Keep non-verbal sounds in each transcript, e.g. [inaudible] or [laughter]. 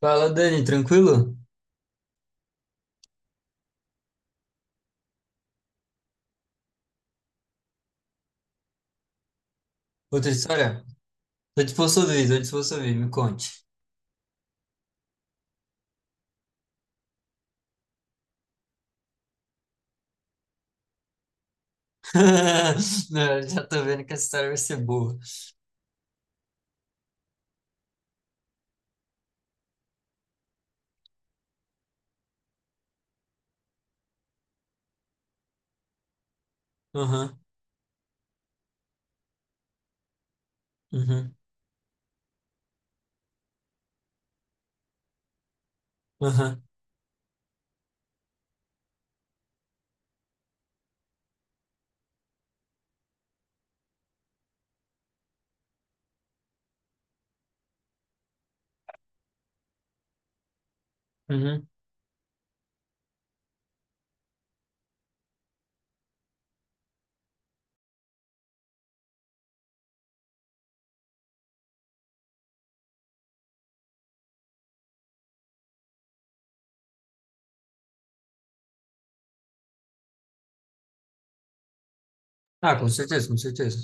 Fala, Dani, tranquilo? Outra história? Tô disposto a ouvir, me conte. [laughs] Não, já tô vendo que essa história vai ser boa. Aham, uhum, aham, uhum. Ah, com certeza, com certeza.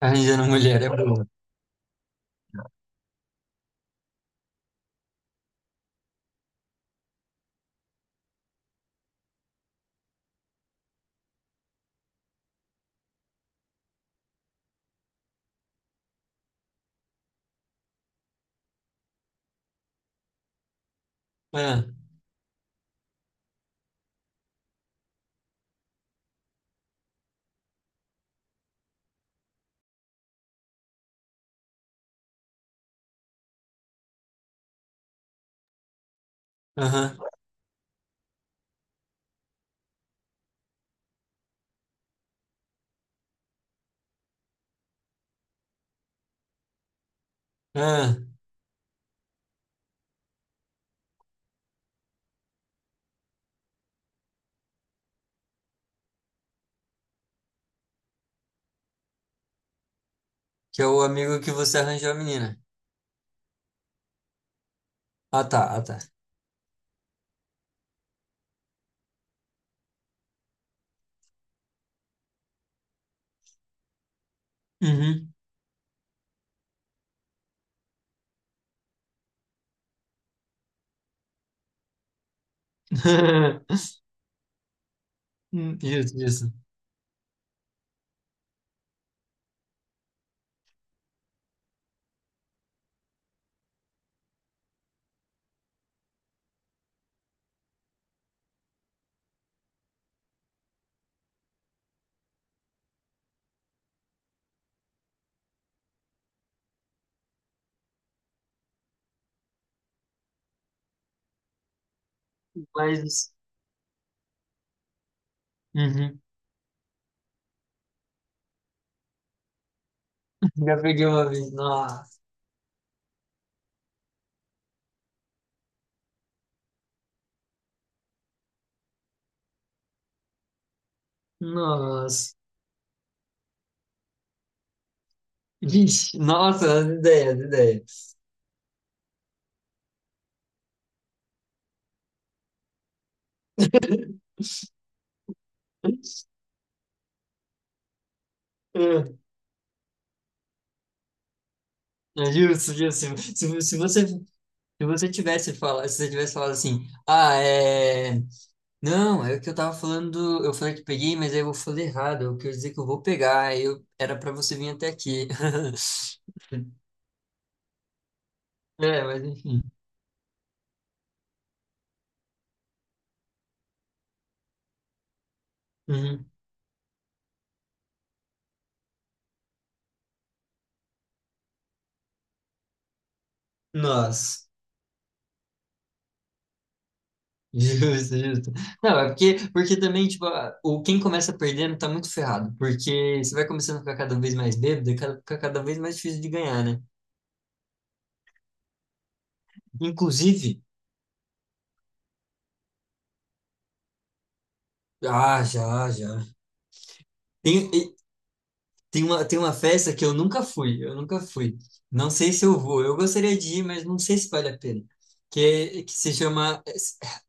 Arranjando mulher é boa. Ah, Aham, ah, que é o amigo que você arranjou a menina. Ah, tá, ah, tá. Uhum. [laughs] Isso, isso. Mas, uhum. Já peguei uma vez. Nossa, nossa. Vixe, nossa, as ideias, as ideias. [laughs] É, justo, justo. Se você tivesse falado, se você tivesse falado assim, ah, é. Não, é o que eu tava falando, eu falei que peguei, mas aí eu falei errado, eu quero dizer que eu vou pegar, era pra você vir até aqui. [laughs] É, mas enfim. Uhum. Nossa, [laughs] justo, justo. Não, é porque, porque também, tipo, a- o quem começa perdendo tá muito ferrado, porque você vai começando a ficar cada vez mais bêbado, e fica cada vez mais difícil de ganhar, né? Inclusive, ah, já, já. Tem, tem uma festa que eu nunca fui, eu nunca fui. Não sei se eu vou. Eu gostaria de ir, mas não sei se vale a pena. Que se chama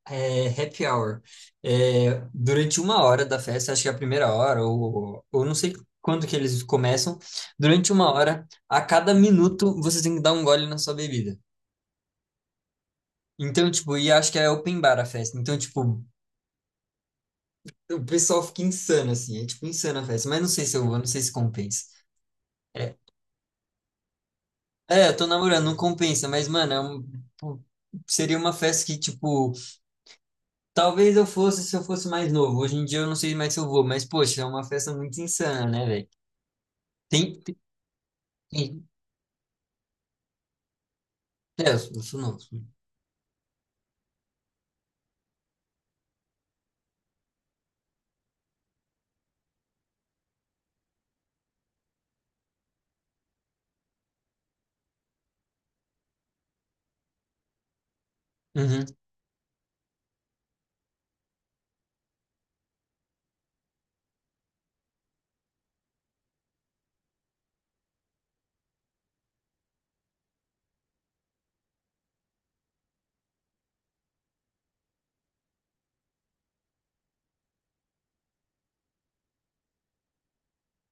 Happy Hour. É, durante uma hora da festa, acho que é a primeira hora, ou não sei quando que eles começam. Durante uma hora, a cada minuto, você tem que dar um gole na sua bebida. Então, tipo, e acho que é open bar a festa. Então, tipo, o pessoal fica insano, assim. É, tipo, insana a festa. Mas não sei se eu vou, não sei se compensa. É, é, eu tô namorando, não compensa, mas, mano, pô, seria uma festa que, tipo, talvez eu fosse se eu fosse mais novo. Hoje em dia eu não sei mais se eu vou, mas, poxa, é uma festa muito insana, né, velho? Tem, tem, tem- É, eu sou novo. Uhum,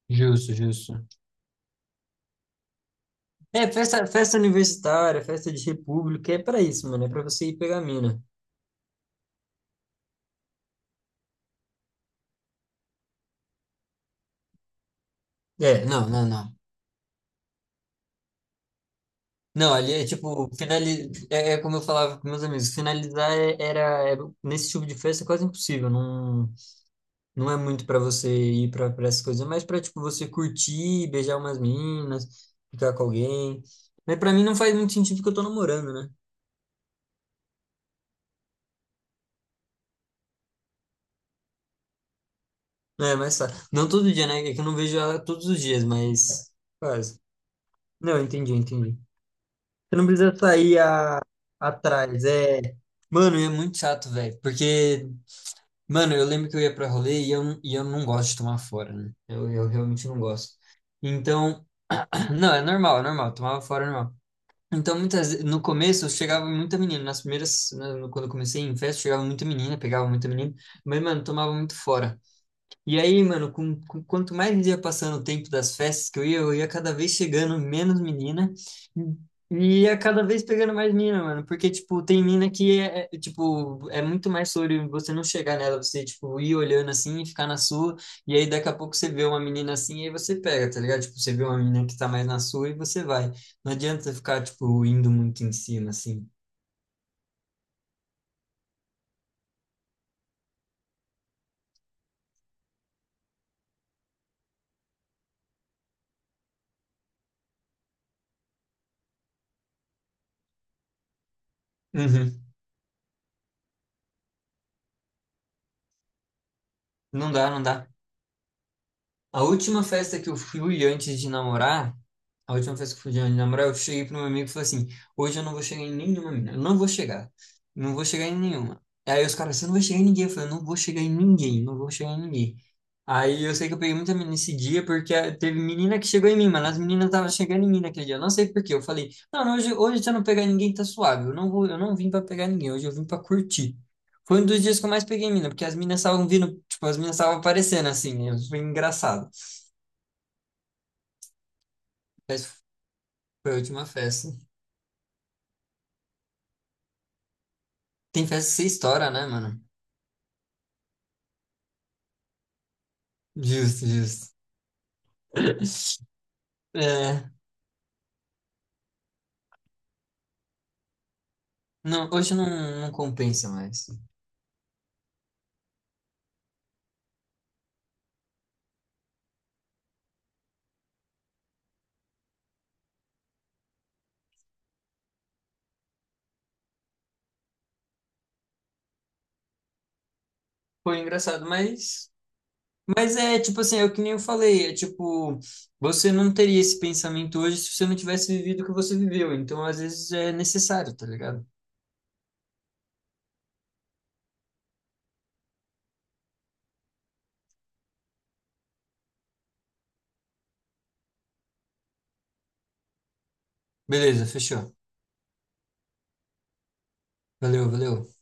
justo, justo. É, festa, festa universitária, festa de república, é pra isso, mano, é pra você ir pegar a mina. É, não, não, não. Não, ali é tipo, é, é como eu falava com meus amigos, era, nesse tipo de festa é quase impossível, não. Não é muito pra você ir pra essas coisas, é mais pra, tipo, você curtir, beijar umas meninas, ficar com alguém. Mas pra mim não faz muito sentido porque eu tô namorando, né? É, mas tá. Não todo dia, né? É que eu não vejo ela todos os dias, mas quase. Não, entendi, entendi. Você não precisa sair a... atrás, é... Mano, e é muito chato, velho, porque... Mano, eu lembro que eu ia pra rolê e eu não gosto de tomar fora, né? Eu realmente não gosto. Então, [clears throat] não, é normal, tomava fora é normal. Então, muitas, no começo, chegava muita menina. Nas primeiras, né, quando eu comecei em festa, chegava muita menina, pegava muita menina. Mas, mano, tomava muito fora. E aí, mano, quanto mais ia passando o tempo das festas que eu ia cada vez chegando menos menina e ia cada vez pegando mais mina, mano. Porque, tipo, tem mina que é, tipo, é muito mais sobre você não chegar nela, você, tipo, ir olhando assim e ficar na sua. E aí, daqui a pouco, você vê uma menina assim e aí você pega, tá ligado? Tipo, você vê uma menina que tá mais na sua e você vai. Não adianta ficar, tipo, indo muito em cima, assim. Uhum. Não dá, não dá. A última festa que eu fui antes de namorar, a última festa que eu fui antes de namorar, eu cheguei pro meu amigo e falei assim: hoje eu não vou chegar em nenhuma mina, eu não vou chegar, não vou chegar em nenhuma. Aí os caras, você não vai chegar em ninguém. Eu falei, eu não vou chegar em ninguém, não vou chegar em ninguém. Aí eu sei que eu peguei muita menina nesse dia, porque ah, teve menina que chegou em mim, mas as meninas estavam chegando em mim naquele dia. Eu não sei por quê. Eu falei, não, não, hoje, hoje se eu não pegar ninguém, tá suave. Eu não vou, eu não vim pra pegar ninguém, hoje eu vim pra curtir. Foi um dos dias que eu mais peguei mina, porque as meninas estavam vindo, tipo, as meninas estavam aparecendo assim, né? Foi engraçado. Mas foi a última festa. Tem festa que você estoura, né, mano? Justo, justo. É, não, hoje não, não compensa mais. Foi engraçado, mas. Mas é tipo assim, é o que nem eu falei, é tipo, você não teria esse pensamento hoje se você não tivesse vivido o que você viveu. Então, às vezes, é necessário, tá ligado? Beleza, fechou. Valeu, valeu.